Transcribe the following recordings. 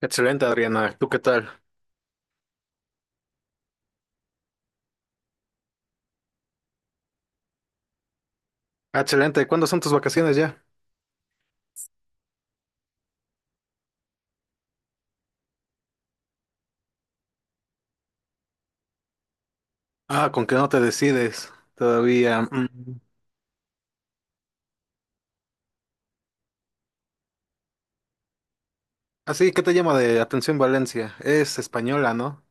Excelente, Adriana. ¿Tú qué tal? Excelente. ¿Cuándo son tus vacaciones ya? Ah, con que no te decides todavía. Mm. Así, ¿qué te llama de atención Valencia? Es española, ¿no?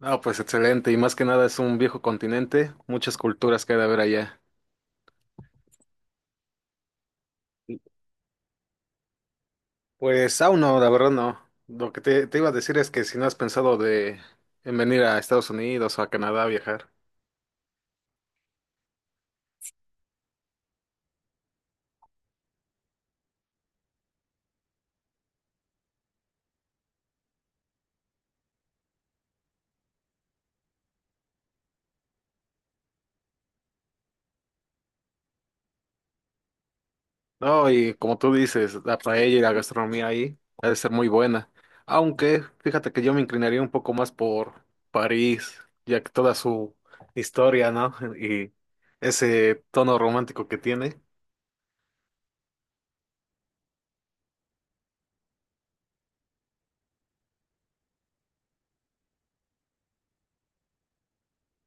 Ah, pues excelente. Y más que nada es un viejo continente, muchas culturas que hay de haber allá. Pues aún no, la verdad no. Lo que te iba a decir es que si no has pensado de en venir a Estados Unidos o a Canadá a viajar. No, y como tú dices, la paella y la gastronomía ahí ha de ser muy buena. Aunque fíjate que yo me inclinaría un poco más por París, ya que toda su historia, ¿no? Y ese tono romántico que tiene.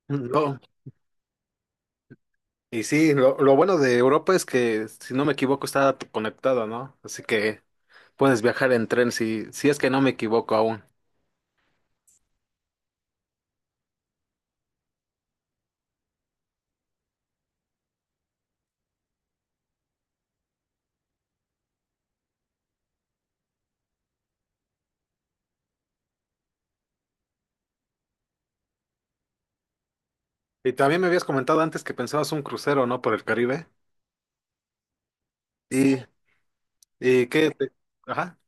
No. Y sí, lo bueno de Europa es que, si no me equivoco, está conectada, ¿no? Así que puedes viajar en tren si es que no me equivoco aún. Y también me habías comentado antes que pensabas un crucero, ¿no? Por el Caribe. Y, y qué te- Ajá.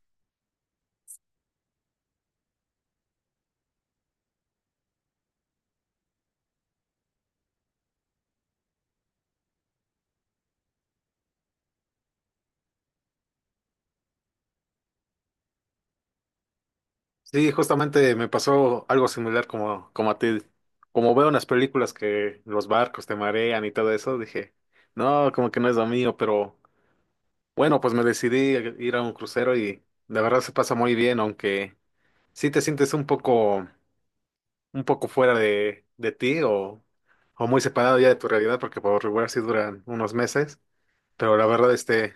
Sí, justamente me pasó algo similar como a ti. Como veo en las películas que los barcos te marean y todo eso, dije, no, como que no es lo mío, pero bueno, pues me decidí a ir a un crucero y la verdad se pasa muy bien, aunque sí te sientes un poco fuera de ti o muy separado ya de tu realidad, porque por regular sí duran unos meses, pero la verdad,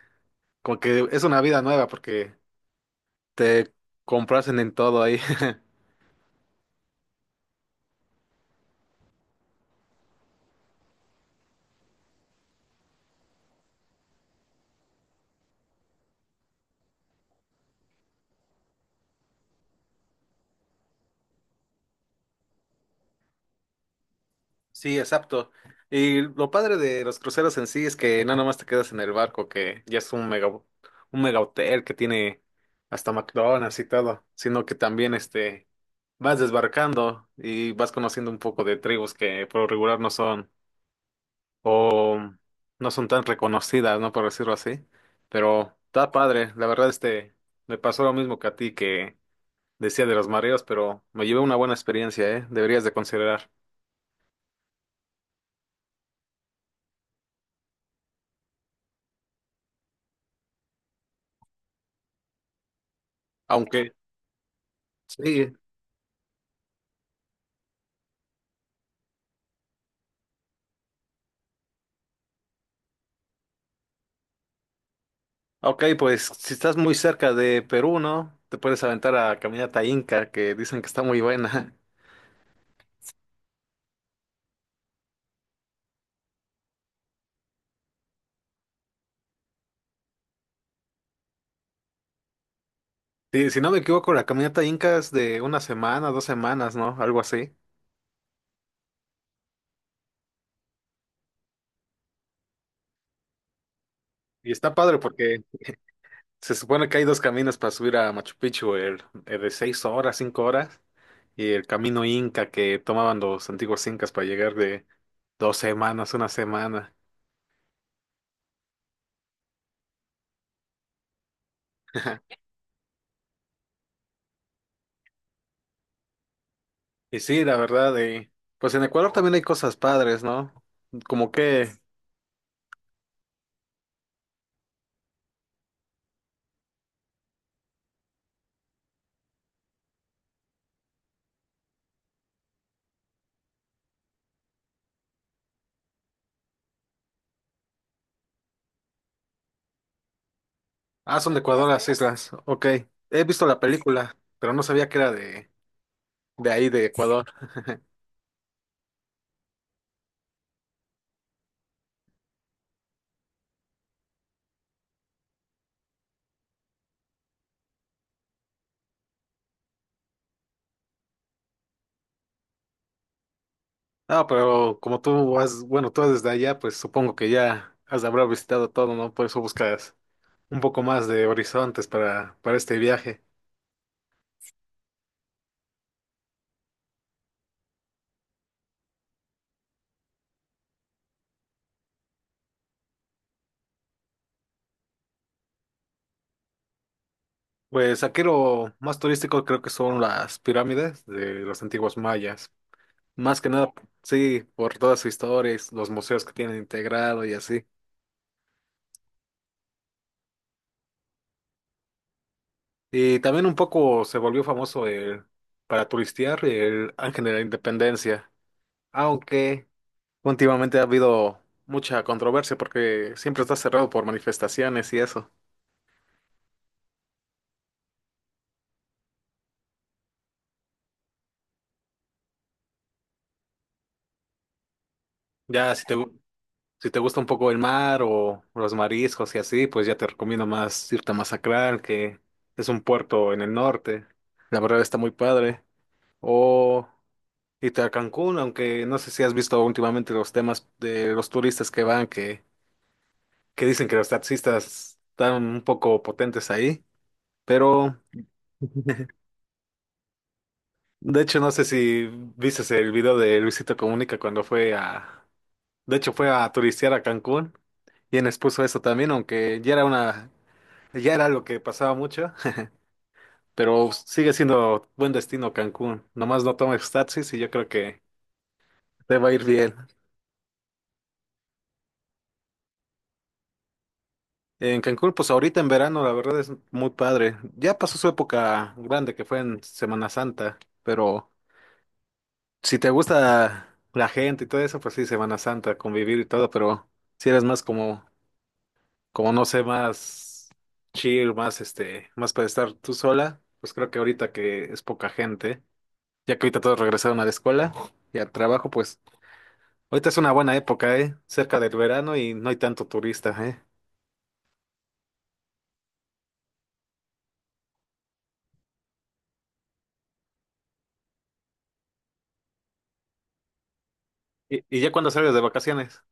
como que es una vida nueva porque te comprasen en todo ahí. Sí, exacto. Y lo padre de los cruceros en sí es que no nomás te quedas en el barco, que ya es un mega hotel que tiene hasta McDonald's y todo, sino que también vas desbarcando y vas conociendo un poco de tribus que por lo regular no son o no son tan reconocidas, ¿no? Por decirlo así. Pero está padre. La verdad, me pasó lo mismo que a ti que decía de los mareos, pero me llevé una buena experiencia, ¿eh? Deberías de considerar. Aunque Sí, Ok, pues si estás muy cerca de Perú, ¿no? Te puedes aventar a Caminata Inca, que dicen que está muy buena. Sí, si no me equivoco, la Caminata Inca es de una semana, dos semanas, ¿no? Algo así. Y está padre porque se supone que hay dos caminos para subir a Machu Picchu, el de seis horas, cinco horas, y el camino Inca que tomaban los antiguos incas para llegar de dos semanas, una semana. Y sí, la verdad, pues en Ecuador también hay cosas padres, ¿no? Como que Ah, son de Ecuador las islas. Ok. He visto la película, pero no sabía que era de ahí, de Ecuador. Ah, pero como tú has, bueno, tú desde allá, pues supongo que ya has de haber visitado todo, ¿no? Por eso buscas un poco más de horizontes para este viaje. Pues aquí lo más turístico creo que son las pirámides de los antiguos mayas. Más que nada, sí, por toda su historia, y los museos que tienen integrado y así. Y también un poco se volvió famoso para turistear el Ángel de la Independencia, aunque últimamente ha habido mucha controversia porque siempre está cerrado por manifestaciones y eso. Ya si te gusta un poco el mar o los mariscos y así, pues ya te recomiendo más irte a Masacral, que es un puerto en el norte. La verdad está muy padre. O irte a Cancún, aunque no sé si has visto últimamente los temas de los turistas que van, que dicen que los taxistas están un poco potentes ahí, pero de hecho no sé si viste el video de Luisito Comunica cuando fue a, de hecho fue a turistear a Cancún y en expuso eso también, aunque ya era una, ya era lo que pasaba mucho, pero sigue siendo buen destino Cancún, nomás no tomes taxis y yo creo que te va a ir bien. En Cancún, pues ahorita en verano, la verdad es muy padre. Ya pasó su época grande que fue en Semana Santa, pero si te gusta la gente y todo eso, pues sí, Semana Santa, convivir y todo, pero si eres más como no sé, más chill, más más para estar tú sola, pues creo que ahorita que es poca gente, ya que ahorita todos regresaron a la escuela y al trabajo, pues ahorita es una buena época, ¿eh? Cerca del verano y no hay tanto turista, ¿eh? Ya cuando sales de vacaciones.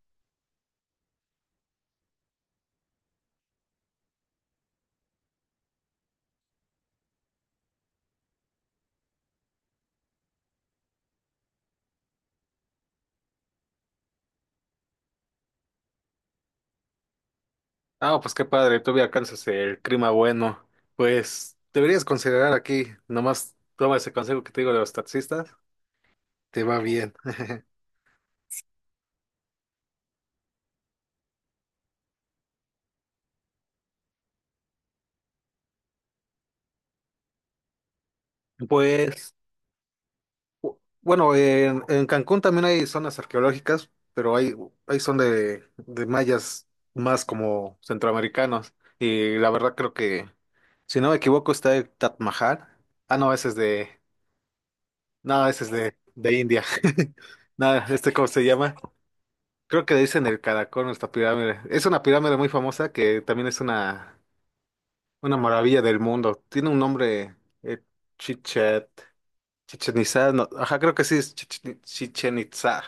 Ah, pues qué padre, todavía alcanzas el clima bueno. Pues deberías considerar aquí, nomás toma ese consejo que te digo de los taxistas. Te va bien. Pues, bueno, en Cancún también hay zonas arqueológicas, pero hay son de mayas más como centroamericanos. Y la verdad creo que, si no me equivoco, está el Taj Mahal. Ah, no, ese es de, no, ese es de India. Nada, ¿cómo se llama? Creo que le dicen el caracol, nuestra pirámide. Es una pirámide muy famosa que también es una maravilla del mundo. Tiene un nombre, eh, Chichet. Chichen Itzá, no, ajá, creo que sí es Chichen, Chichen Itzá.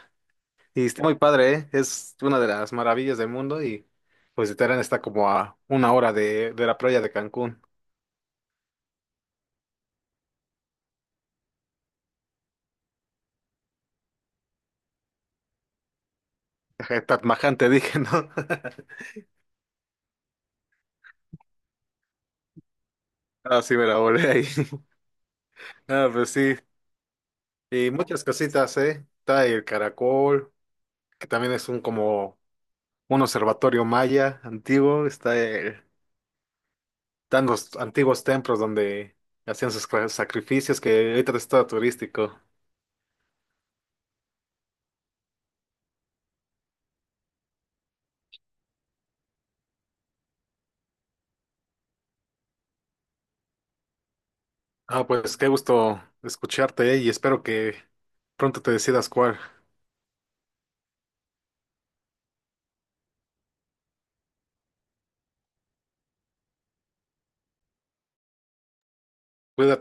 Y está muy padre, ¿eh? Es una de las maravillas del mundo y pues Terán está como a una hora de la playa de Cancún. Ajá, Tatmaján te dije, ¿no? Ah, sí, me la volé ahí. Ah, pues sí. Y muchas cositas, ¿eh? Está el caracol, que también es un como un observatorio maya antiguo. Está están los antiguos templos donde hacían sus sacrificios, que ahorita está turístico. Ah, pues qué gusto escucharte y espero que pronto te decidas cuál. Cuídate.